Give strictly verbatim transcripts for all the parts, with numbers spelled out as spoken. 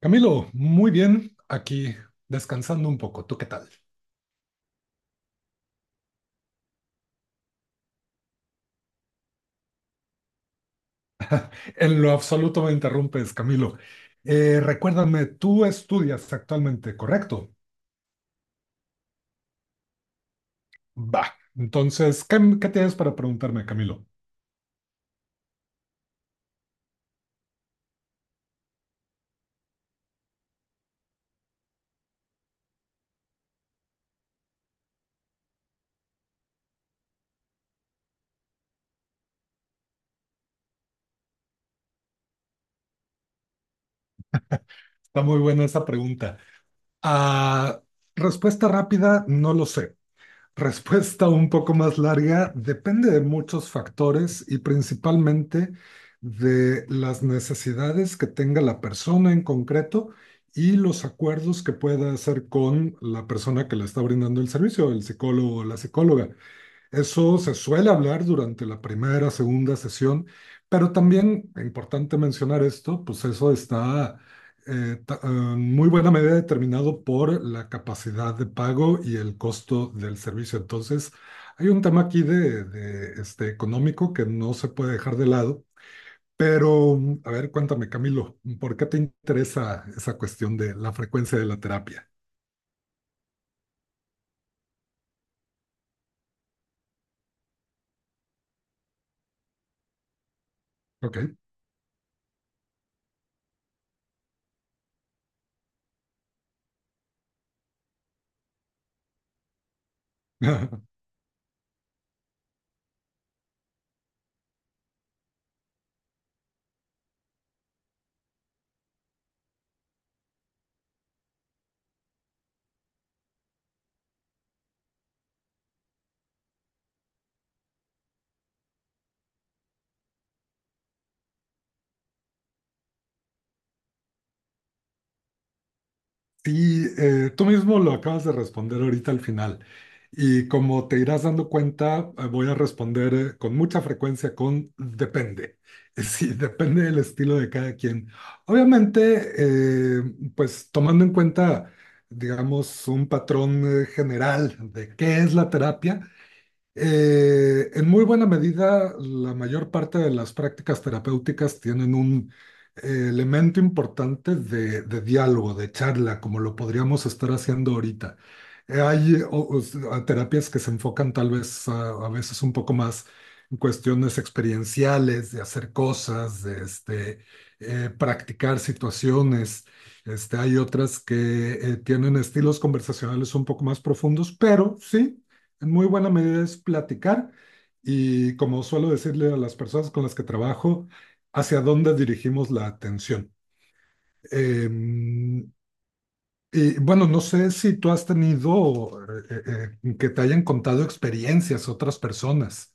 Camilo, muy bien, aquí descansando un poco. ¿Tú qué tal? En lo absoluto me interrumpes, Camilo. Eh, recuérdame, tú estudias actualmente, ¿correcto? Va. Entonces, ¿qué, ¿qué tienes para preguntarme, Camilo? Está muy buena esa pregunta. Ah, Respuesta rápida, no lo sé. Respuesta un poco más larga, depende de muchos factores y principalmente de las necesidades que tenga la persona en concreto y los acuerdos que pueda hacer con la persona que le está brindando el servicio, el psicólogo o la psicóloga. Eso se suele hablar durante la primera, segunda sesión, pero también, e importante mencionar esto, pues eso está eh, ta- eh, en muy buena medida determinado por la capacidad de pago y el costo del servicio. Entonces, hay un tema aquí de, de, este, económico que no se puede dejar de lado, pero a ver, cuéntame, Camilo, ¿por qué te interesa esa cuestión de la frecuencia de la terapia? Ok. Sí, eh, tú mismo lo acabas de responder ahorita al final. Y como te irás dando cuenta, eh, voy a responder eh, con mucha frecuencia con depende. Eh, Sí, depende del estilo de cada quien. Obviamente, eh, pues tomando en cuenta, digamos, un patrón eh, general de qué es la terapia, eh, en muy buena medida, la mayor parte de las prácticas terapéuticas tienen un eh, elemento importante de, de diálogo, de charla, como lo podríamos estar haciendo ahorita. Eh, hay eh, o- o terapias que se enfocan tal vez a, a veces un poco más en cuestiones experienciales, de hacer cosas, de este, eh, practicar situaciones. Este, hay otras que eh, tienen estilos conversacionales un poco más profundos, pero sí en muy buena medida es platicar y, como suelo decirle a las personas con las que trabajo, hacia dónde dirigimos la atención. Em, y bueno, no sé si tú has tenido eh, eh, eh, que te hayan contado experiencias otras personas.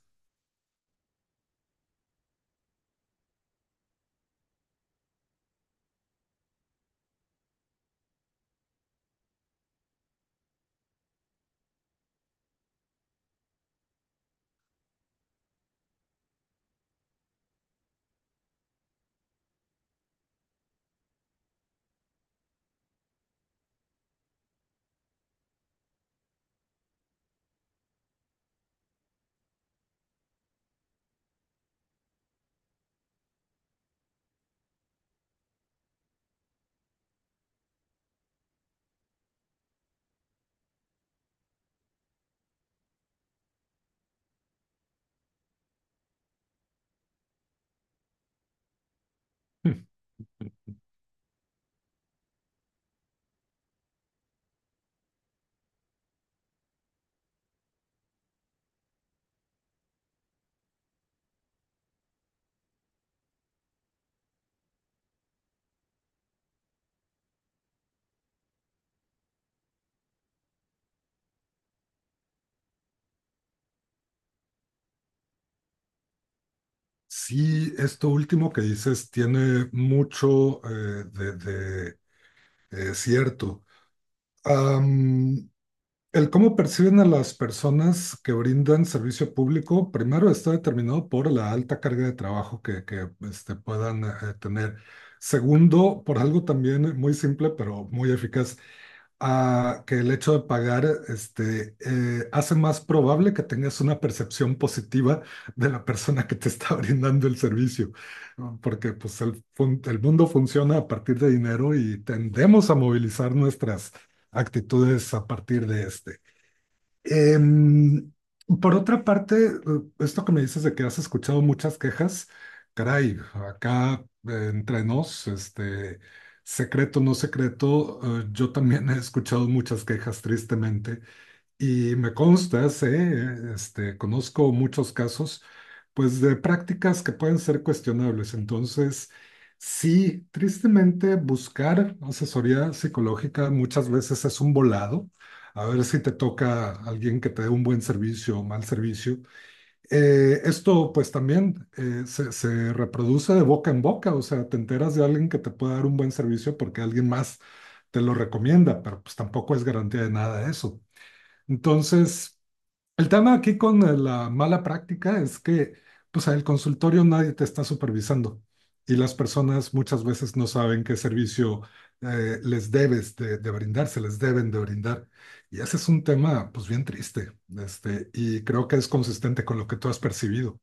Hmm. Sí, esto último que dices tiene mucho eh, de, de, eh, cierto. Am, El cómo perciben a las personas que brindan servicio público, primero está determinado por la alta carga de trabajo que, que, este, puedan eh, eh, tener. Segundo, por algo también muy simple, pero muy eficaz, ah, que el hecho de pagar este, eh, hace más probable que tengas una percepción positiva de la persona que te está brindando el servicio, ¿no? Porque pues, el, fun- el mundo funciona a partir de dinero y tendemos a movilizar nuestras actitudes a partir de este. Em, por otra parte, eh, esto que me dices de que has escuchado muchas quejas, caray, acá eh, entre nos, este, secreto, no secreto, eh, yo también he escuchado muchas quejas, tristemente. Y me consta, sé, este, conozco muchos casos, pues de prácticas que pueden ser cuestionables. Entonces, sí, tristemente buscar asesoría psicológica muchas veces es un volado. A ver si te toca alguien que te dé un buen servicio o mal servicio. Eh, esto pues también eh, se, se reproduce de boca en boca, o sea, te enteras de alguien que te puede dar un buen servicio porque alguien más te lo recomienda, pero pues tampoco es garantía de nada eso. Entonces, el tema aquí con eh, la mala práctica es que, pues, al consultorio nadie te está supervisando y las personas muchas veces no saben qué servicio eh, les debes de, de brindar, se les deben de brindar. Y ese es un tema, pues, bien triste, este, y creo que es consistente con lo que tú has percibido.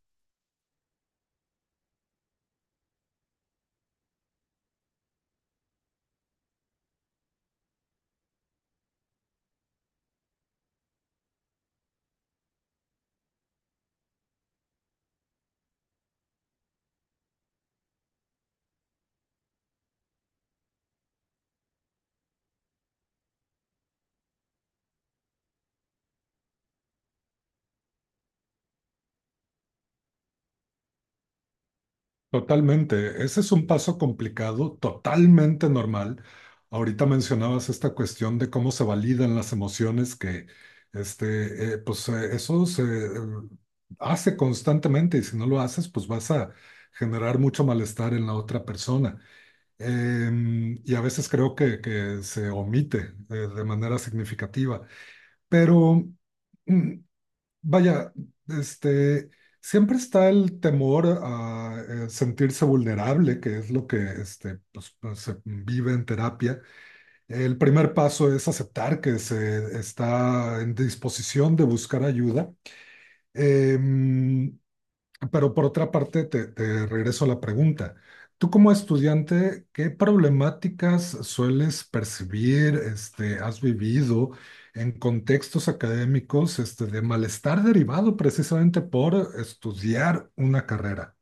Totalmente, ese es un paso complicado, totalmente normal. Ahorita mencionabas esta cuestión de cómo se validan las emociones, que este, eh, pues eh, eso se eh, hace constantemente y si no lo haces, pues vas a generar mucho malestar en la otra persona. Em, y a veces creo que, que se omite eh, de manera significativa. Pero mm, Vaya, este, siempre está el temor a eh, sentirse vulnerable, que es lo que este, pues, pues se vive en terapia. El primer paso es aceptar que se está en disposición de buscar ayuda. Em, pero por otra parte, te, te regreso a la pregunta. Tú como estudiante, ¿qué problemáticas sueles percibir, este, has vivido en contextos académicos, este, de malestar derivado precisamente por estudiar una carrera?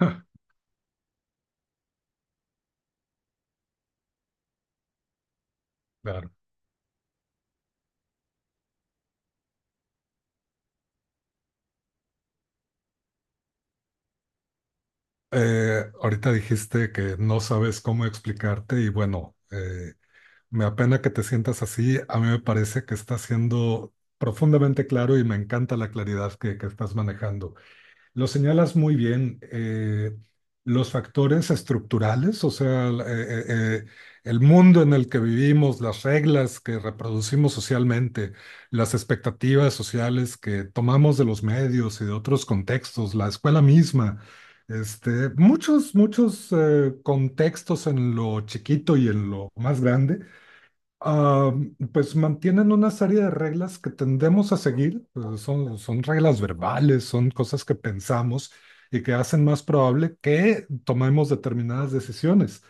Ah. Claro. Eh, ahorita dijiste que no sabes cómo explicarte y bueno, eh, me apena que te sientas así. A mí me parece que estás siendo profundamente claro y me encanta la claridad que, que estás manejando. Lo señalas muy bien. Eh, los factores estructurales, o sea, el eh, eh, el mundo en el que vivimos, las reglas que reproducimos socialmente, las expectativas sociales que tomamos de los medios y de otros contextos, la escuela misma. Este, muchos, muchos eh, contextos en lo chiquito y en lo más grande, ah, pues mantienen una serie de reglas que tendemos a seguir, eh, son, son reglas verbales, son cosas que pensamos y que hacen más probable que tomemos determinadas decisiones.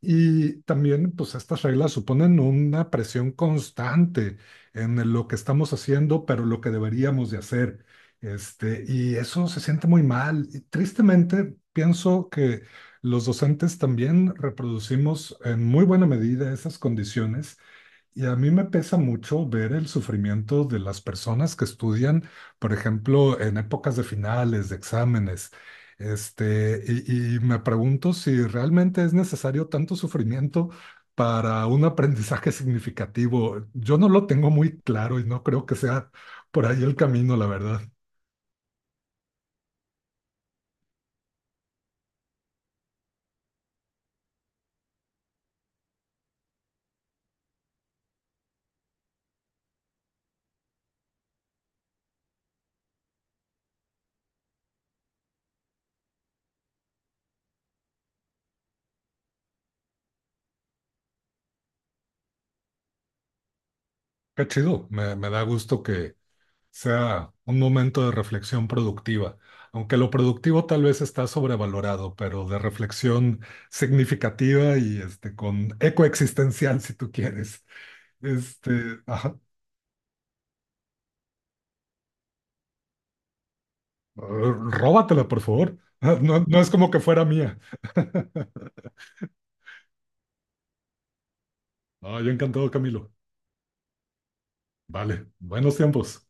Y también, pues estas reglas suponen una presión constante en lo que estamos haciendo, pero lo que deberíamos de hacer. Este, y eso se siente muy mal. Y tristemente, pienso que los docentes también reproducimos en muy buena medida esas condiciones y a mí me pesa mucho ver el sufrimiento de las personas que estudian, por ejemplo, en épocas de finales, de exámenes. Este, y, y me pregunto si realmente es necesario tanto sufrimiento para un aprendizaje significativo. Yo no lo tengo muy claro y no creo que sea por ahí el camino, la verdad. Qué chido, me, me da gusto que sea un momento de reflexión productiva, aunque lo productivo tal vez está sobrevalorado, pero de reflexión significativa y este, con eco existencial, si tú quieres. Este, ajá, róbatela, por favor. Ah, no, no es como que fuera mía. Ah, yo encantado, Camilo. Vale, buenos tiempos.